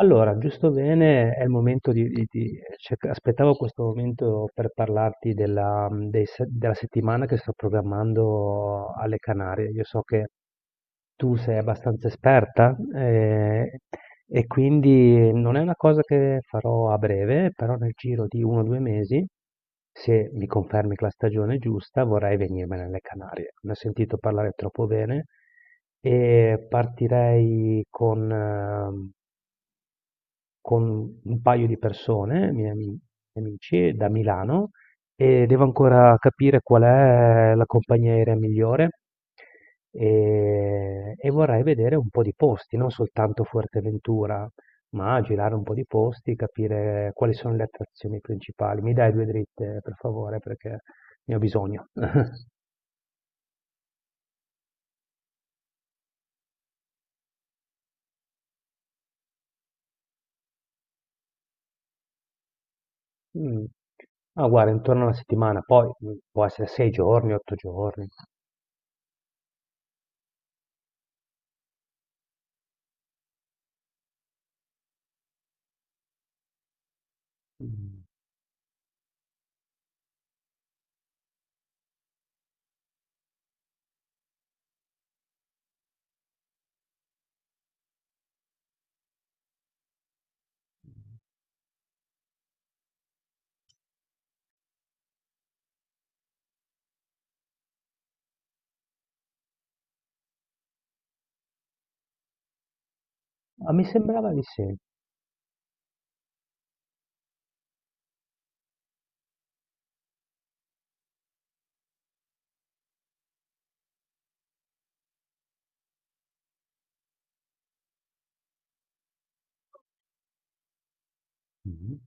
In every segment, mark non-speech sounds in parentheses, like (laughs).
Allora, giusto bene, è il momento di aspettavo questo momento per parlarti della, mm, dei se- della settimana che sto programmando alle Canarie. Io so che tu sei abbastanza esperta, e quindi non è una cosa che farò a breve, però nel giro di uno o due mesi, se mi confermi che la stagione è giusta, vorrei venirmene alle Canarie. Ne ho sentito parlare troppo bene e partirei con con un paio di persone, miei amici da Milano, e devo ancora capire qual è la compagnia aerea migliore e vorrei vedere un po' di posti, non soltanto Fuerteventura, ma girare un po' di posti, capire quali sono le attrazioni principali. Mi dai due dritte, per favore, perché ne ho bisogno. (laughs) Mm. Ah, guarda, intorno a una settimana, poi può essere sei giorni, otto giorni. Mm. Ah, mi sembrava di sì. Mm.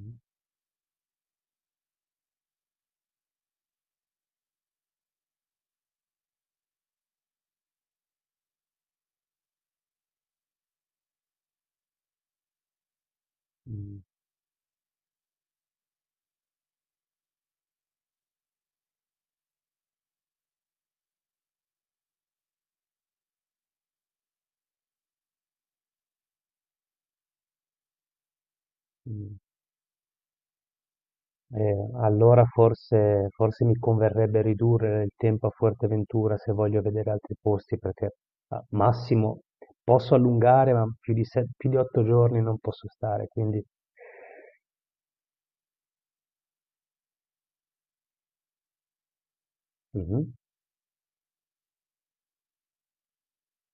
Mm, mm. Mm. Allora forse mi converrebbe ridurre il tempo a Fuerteventura se voglio vedere altri posti, perché a massimo posso allungare, ma più di otto giorni non posso stare, quindi... Mhm,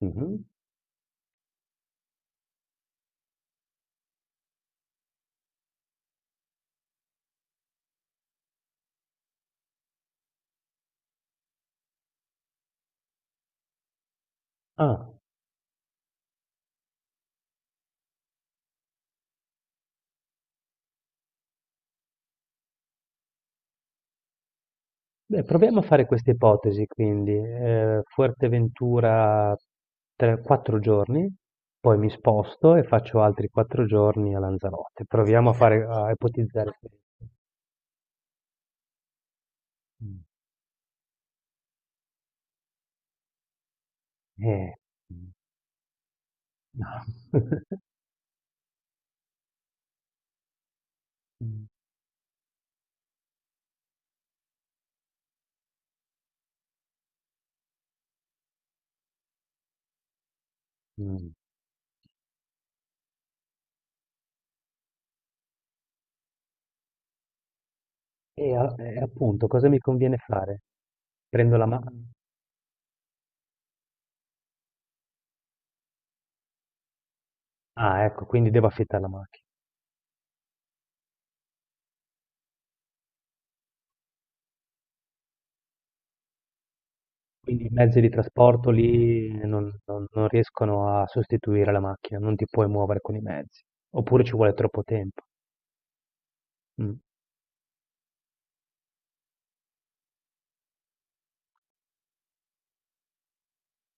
mhm. Ah, beh, proviamo a fare questa ipotesi, quindi Fuerteventura quattro giorni, poi mi sposto e faccio altri quattro giorni a Lanzarote. Proviamo a fare, a ipotizzare questo. Eh, mh, no. (laughs) Mh, mh. E appunto cosa mi conviene fare? Prendo la ma Ah, ecco, quindi devo affittare la macchina. Quindi i mezzi di trasporto lì non riescono a sostituire la macchina, non ti puoi muovere con i mezzi, oppure ci vuole troppo tempo. Mh,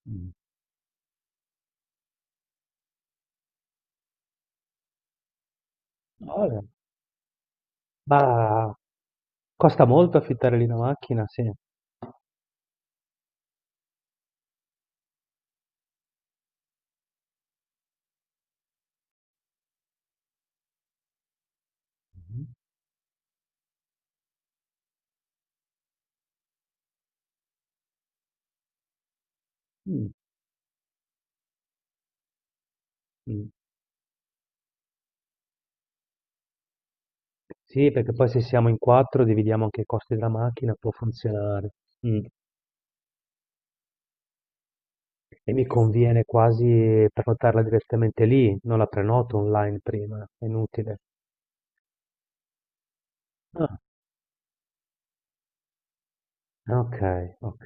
mh. Vabbè, ma costa molto affittare lì una macchina? Sì. Mh-mh. Mh, mh. Sì, perché poi se siamo in quattro dividiamo anche i costi della macchina, può funzionare. Mm. E mi conviene quasi prenotarla direttamente lì, non la prenoto online prima, è inutile. Ah, ok, ok.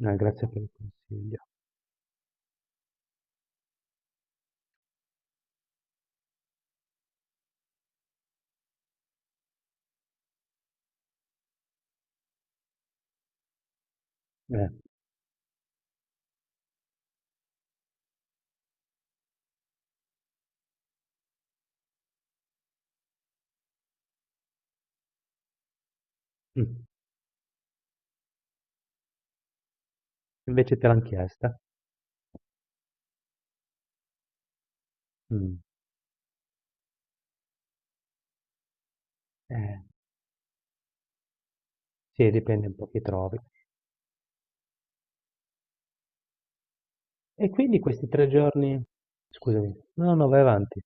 Grazie per il consiglio. Eh, mm. Invece te l'hanno chiesta? Mm. Eh, sì, dipende un po' chi trovi. E quindi questi tre giorni... Scusami, no, no, vai avanti.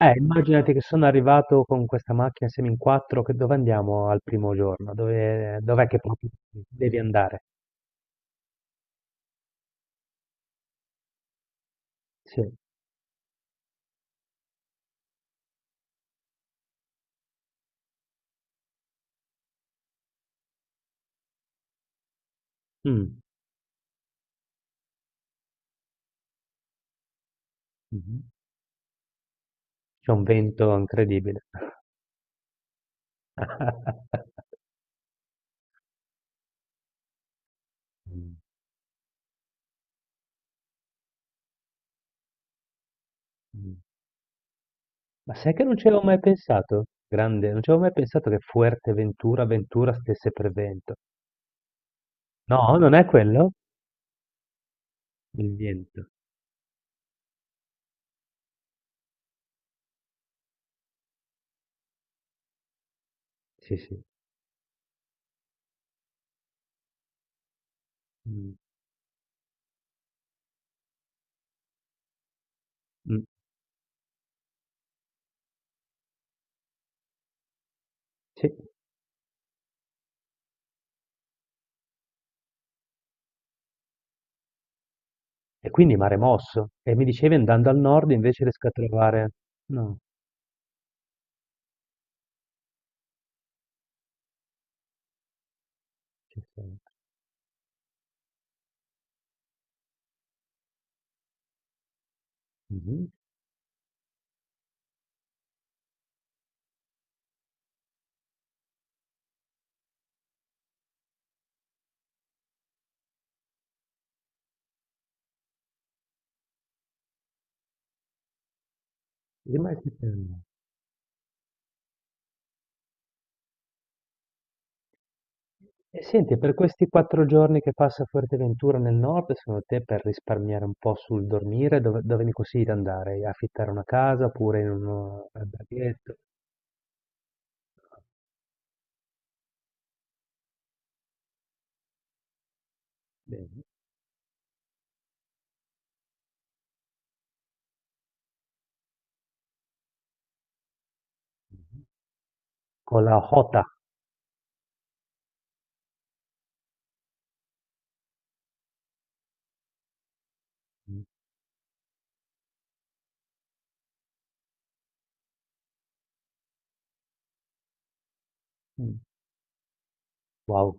Immaginati che sono arrivato con questa macchina, siamo in quattro, che dove andiamo al primo giorno? Dov'è che proprio devi andare? Sì. Mm. Mhm. C'è un vento incredibile. (laughs) Mm, mm. Ma sai che non ci avevo mai pensato? Grande, non ci avevo mai pensato che Fuerteventura, Ventura stesse per vento. No, non è quello? Il vento. Sì, sì. Mm, mm, sì. E quindi mare mosso. E mi dicevi, andando al nord invece riesco a trovare... No. Ci sta. Mh-mh. Rimasi fermo. E senti, per questi 4 giorni che passa a Fuerteventura nel nord, secondo te per risparmiare un po' sul dormire, dove mi consigli di andare? Affittare una casa oppure in un alberghetto? Bene. Mh-mh. Con la Jota. Mh. Mh. Wow,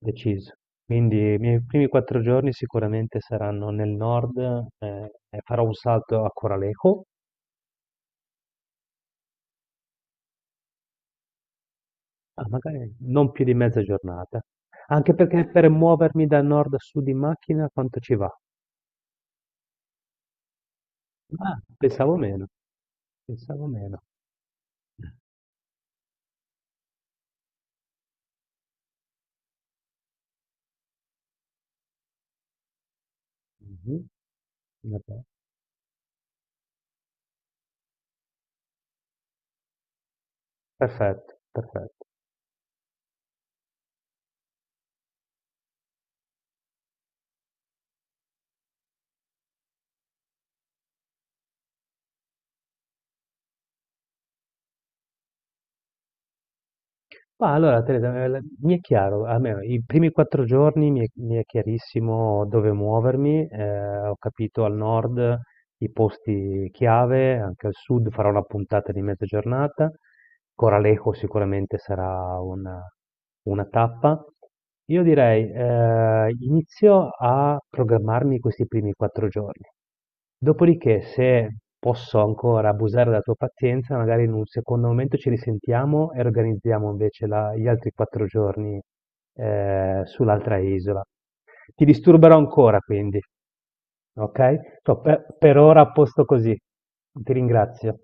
deciso. Quindi i miei primi 4 giorni sicuramente saranno nel nord, e farò un salto a Coralejo, ma magari non più di mezza giornata. Anche perché per muovermi da nord a sud in macchina quanto ci va? Ah, pensavo meno. Mhm, vabbè, perfetto, perfetto. Ma allora, Teresa, mi è chiaro, almeno i primi quattro giorni mi è chiarissimo dove muovermi, ho capito al nord i posti chiave, anche al sud farò una puntata di mezza giornata, Coralejo sicuramente sarà una tappa. Io direi, inizio a programmarmi questi primi quattro giorni. Dopodiché se posso ancora abusare della tua pazienza, magari in un secondo momento ci risentiamo e organizziamo invece gli altri quattro giorni sull'altra isola. Ti disturberò ancora quindi, ok? So, per ora a posto così. Ti ringrazio.